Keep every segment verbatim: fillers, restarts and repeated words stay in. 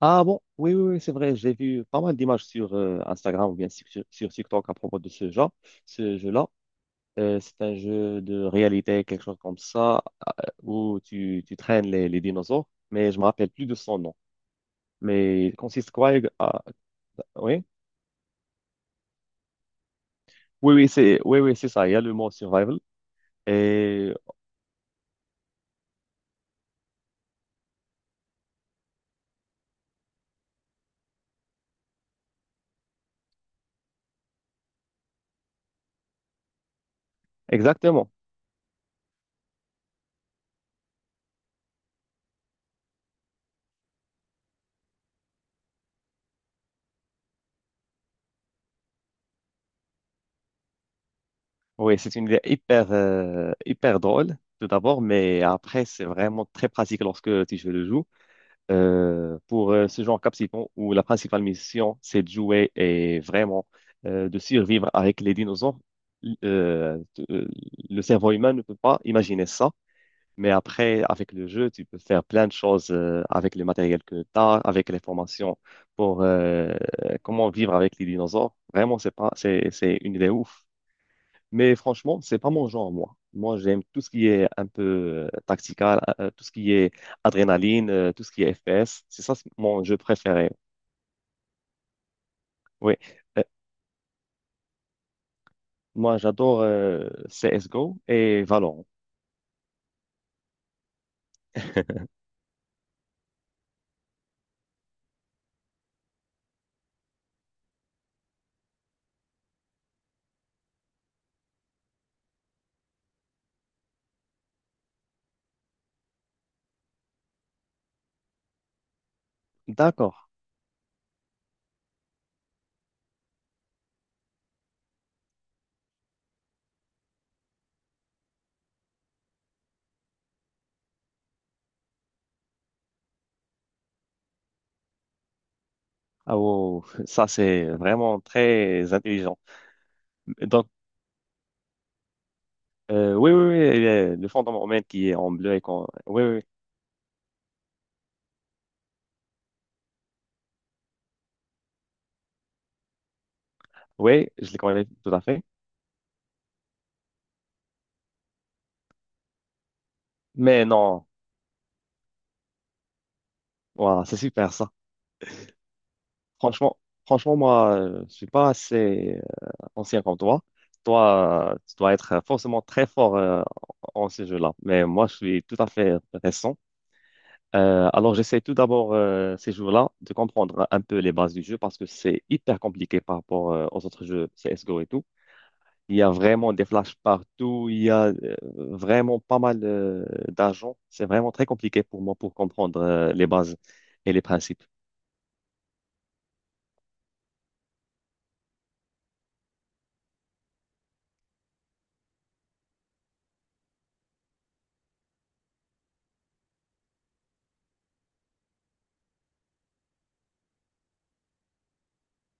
Ah bon, oui, oui, oui, c'est vrai, j'ai vu pas mal d'images sur euh, Instagram ou bien sur, sur- sur TikTok à propos de ce genre, ce jeu-là. Euh, c'est un jeu de réalité, quelque chose comme ça, euh, où tu, tu traînes les, les dinosaures, mais je me rappelle plus de son nom. Mais il consiste quoi? Ex- à- oui, oui, oui, c'est oui, oui, c'est ça, il y a le mot survival. Et exactement. Oui, c'est une idée hyper, euh, hyper drôle, tout d'abord, mais après, c'est vraiment très pratique lorsque tu joues le jeu. Euh, pour euh, ce genre captivant où la principale mission, c'est de jouer et vraiment euh, de survivre avec les dinosaures, euh, t- euh, le cerveau humain ne peut pas imaginer ça. Mais après, avec le jeu, tu peux faire plein de choses euh, avec le matériel que tu as, avec les formations pour euh, comment vivre avec les dinosaures. Vraiment, c'est pas, c'est, c'est une idée ouf. Mais franchement, c'est pas mon genre, moi. Moi, j'aime tout ce qui est un peu euh, tactical, euh, tout ce qui est adrénaline, euh, tout ce qui est F P S. C'est ça c'est mon jeu préféré. Oui. Euh, Moi, j'adore euh, C S G O et Valorant. D'accord. Ah, wow. Wow, wow. Ça, c'est vraiment très intelligent. Donc, euh, oui, oui, oui, le le fond de mon mail qui est en bleu et qu'on... Oui, oui, oui, oui, je les connais tout à fait. Mais non, voilà, c'est super ça. Franchement, franchement, moi, euh, je suis pas assez ancien comme toi, toi, euh, tu dois être forcément très fort euh, en ces jeux-là. Mais moi, je suis tout à fait récent. Euh, alors, j'essaie tout d'abord euh, ces jeux là de comprendre un peu les bases du jeu parce que c'est hyper compliqué par rapport euh, aux autres jeux C S G O et tout. Il y a vraiment des flashs partout, il y a euh, vraiment pas mal euh, d'agents. C'est vraiment très compliqué pour moi pour comprendre euh, les bases et les principes.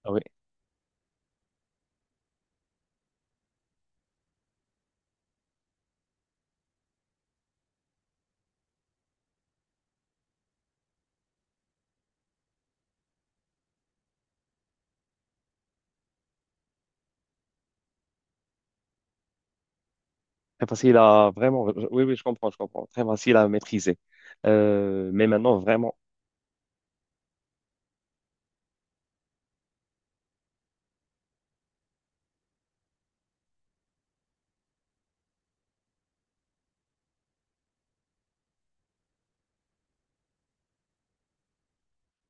Ah oui, très facile à vraiment. Oui, oui, je comprends, je comprends. Très facile à maîtriser. Euh, mais maintenant, vraiment,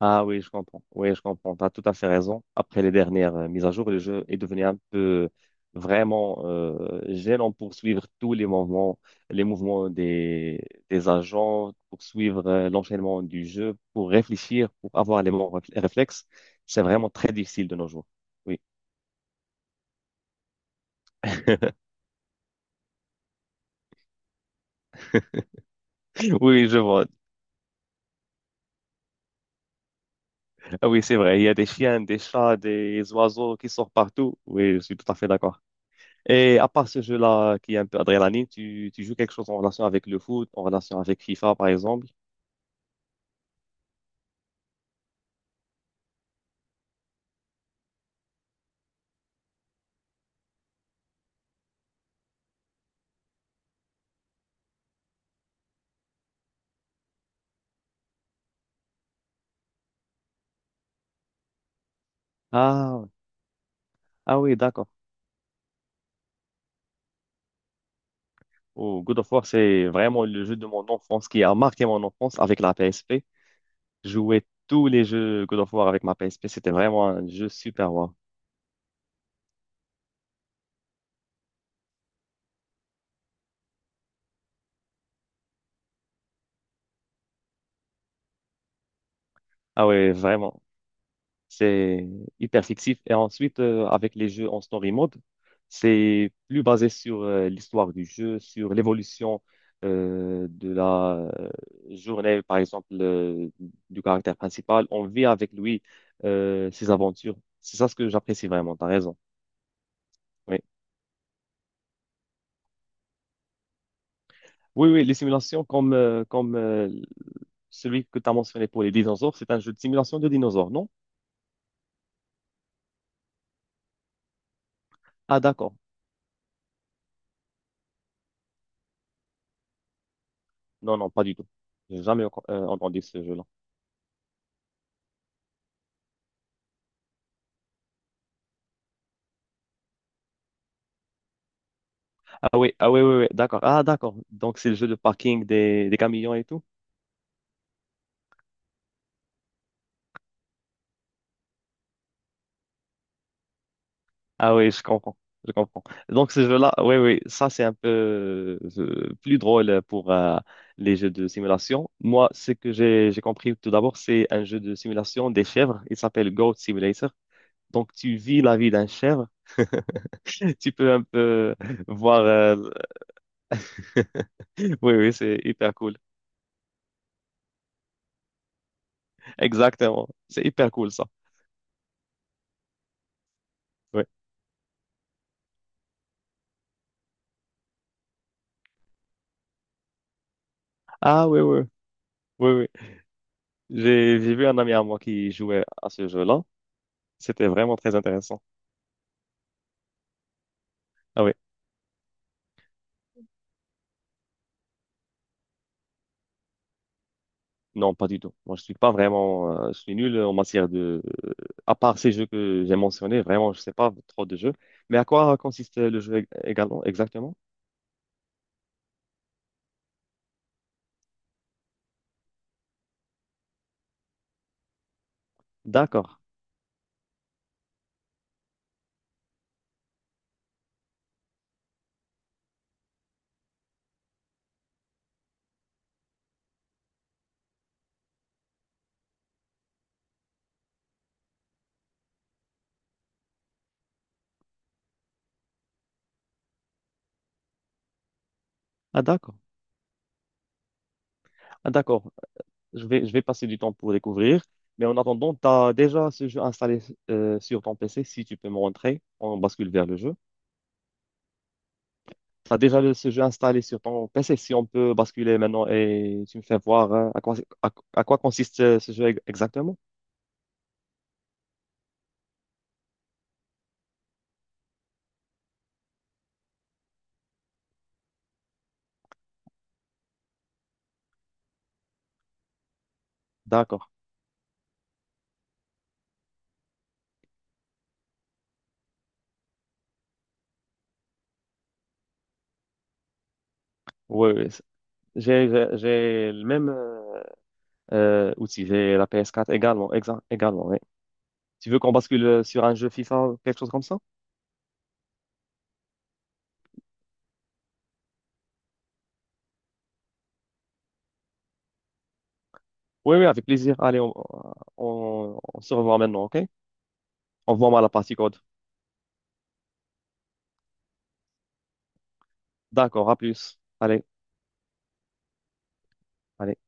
ah oui, je comprends. Oui, je comprends. Tu as tout à fait raison. Après les dernières euh, mises à jour, le jeu est devenu un peu vraiment euh, gênant pour suivre tous les mouvements, les mouvements des, des agents, pour suivre euh, l'enchaînement du jeu, pour réfléchir, pour avoir les bons réf- réflexes. C'est vraiment très difficile de nos jours. Oui, oui, je vois. Ah oui, c'est vrai. Il y a des chiens, des chats, des oiseaux qui sortent partout. Oui, je suis tout à fait d'accord. Et à part ce jeu-là qui est un peu adrénaline, tu, tu joues quelque chose en relation avec le foot, en relation avec FIFA par exemple? Ah, ah oui, d'accord. Oh, God of War, c'est vraiment le jeu de mon enfance qui a marqué mon enfance avec la P S P. Je jouais tous les jeux God of War avec ma P S P, c'était vraiment un jeu super wow. Ah oui, vraiment. C'est hyper fictif. Et ensuite, euh, avec les jeux en story mode, c'est plus basé sur euh, l'histoire du jeu, sur l'évolution euh, de la euh, journée, par exemple, euh, du caractère principal. On vit avec lui euh, ses aventures. C'est ça ce que j'apprécie vraiment, t'as raison. Oui, oui, oui, les simulations comme, euh, comme euh, celui que tu as mentionné pour les dinosaures, c'est un jeu de simulation de dinosaures, non? Ah, d'accord. Non, non, pas du tout. J'ai jamais euh, entendu ce jeu-là. Ah oui, ah oui, oui, oui, d'accord. Ah, d'accord. Donc, c'est le jeu de parking des, des camions et tout. Ah oui, je comprends. Je comprends. Donc, ce jeu-là, oui, oui, ça, c'est un peu euh, plus drôle pour euh, les jeux de simulation. Moi, ce que j'ai j'ai compris tout d'abord, c'est un jeu de simulation des chèvres. Il s'appelle Goat Simulator. Donc, tu vis la vie d'un chèvre. Tu peux un peu voir. euh, Oui, oui, c'est hyper cool. Exactement. C'est hyper cool, ça. Oui. Ah, oui, oui. Oui, oui. J'ai j'ai vu un ami à moi qui jouait à ce jeu-là. C'était vraiment très intéressant. Ah oui, non, pas du tout. Moi, je suis pas vraiment, euh, je suis nul en matière de, à part ces jeux que j'ai mentionnés, vraiment, je sais pas trop de jeux. Mais à quoi consiste le jeu ég- également, exactement? D'accord. Ah d'accord. Ah d'accord. Je vais, je vais passer du temps pour découvrir. Mais en attendant, tu as déjà ce jeu installé euh, sur ton P C. Si tu peux me montrer, on bascule vers le jeu. T'as déjà le- ce jeu installé sur ton P C si on peut basculer maintenant et tu me fais voir hein, à quoi, à, à quoi consiste euh, ce jeu ex- exactement? D'accord. Oui, oui. c'est- J'ai j'ai- j'ai le même euh, euh, outil. J'ai la P S quatre également. exa- également oui. Tu veux qu'on bascule euh, sur un jeu FIFA quelque chose comme ça? Oui, oui, avec plaisir. Allez, on, on, on se revoit maintenant, OK? On voit mal la partie code. D'accord, à plus. Allez, allez.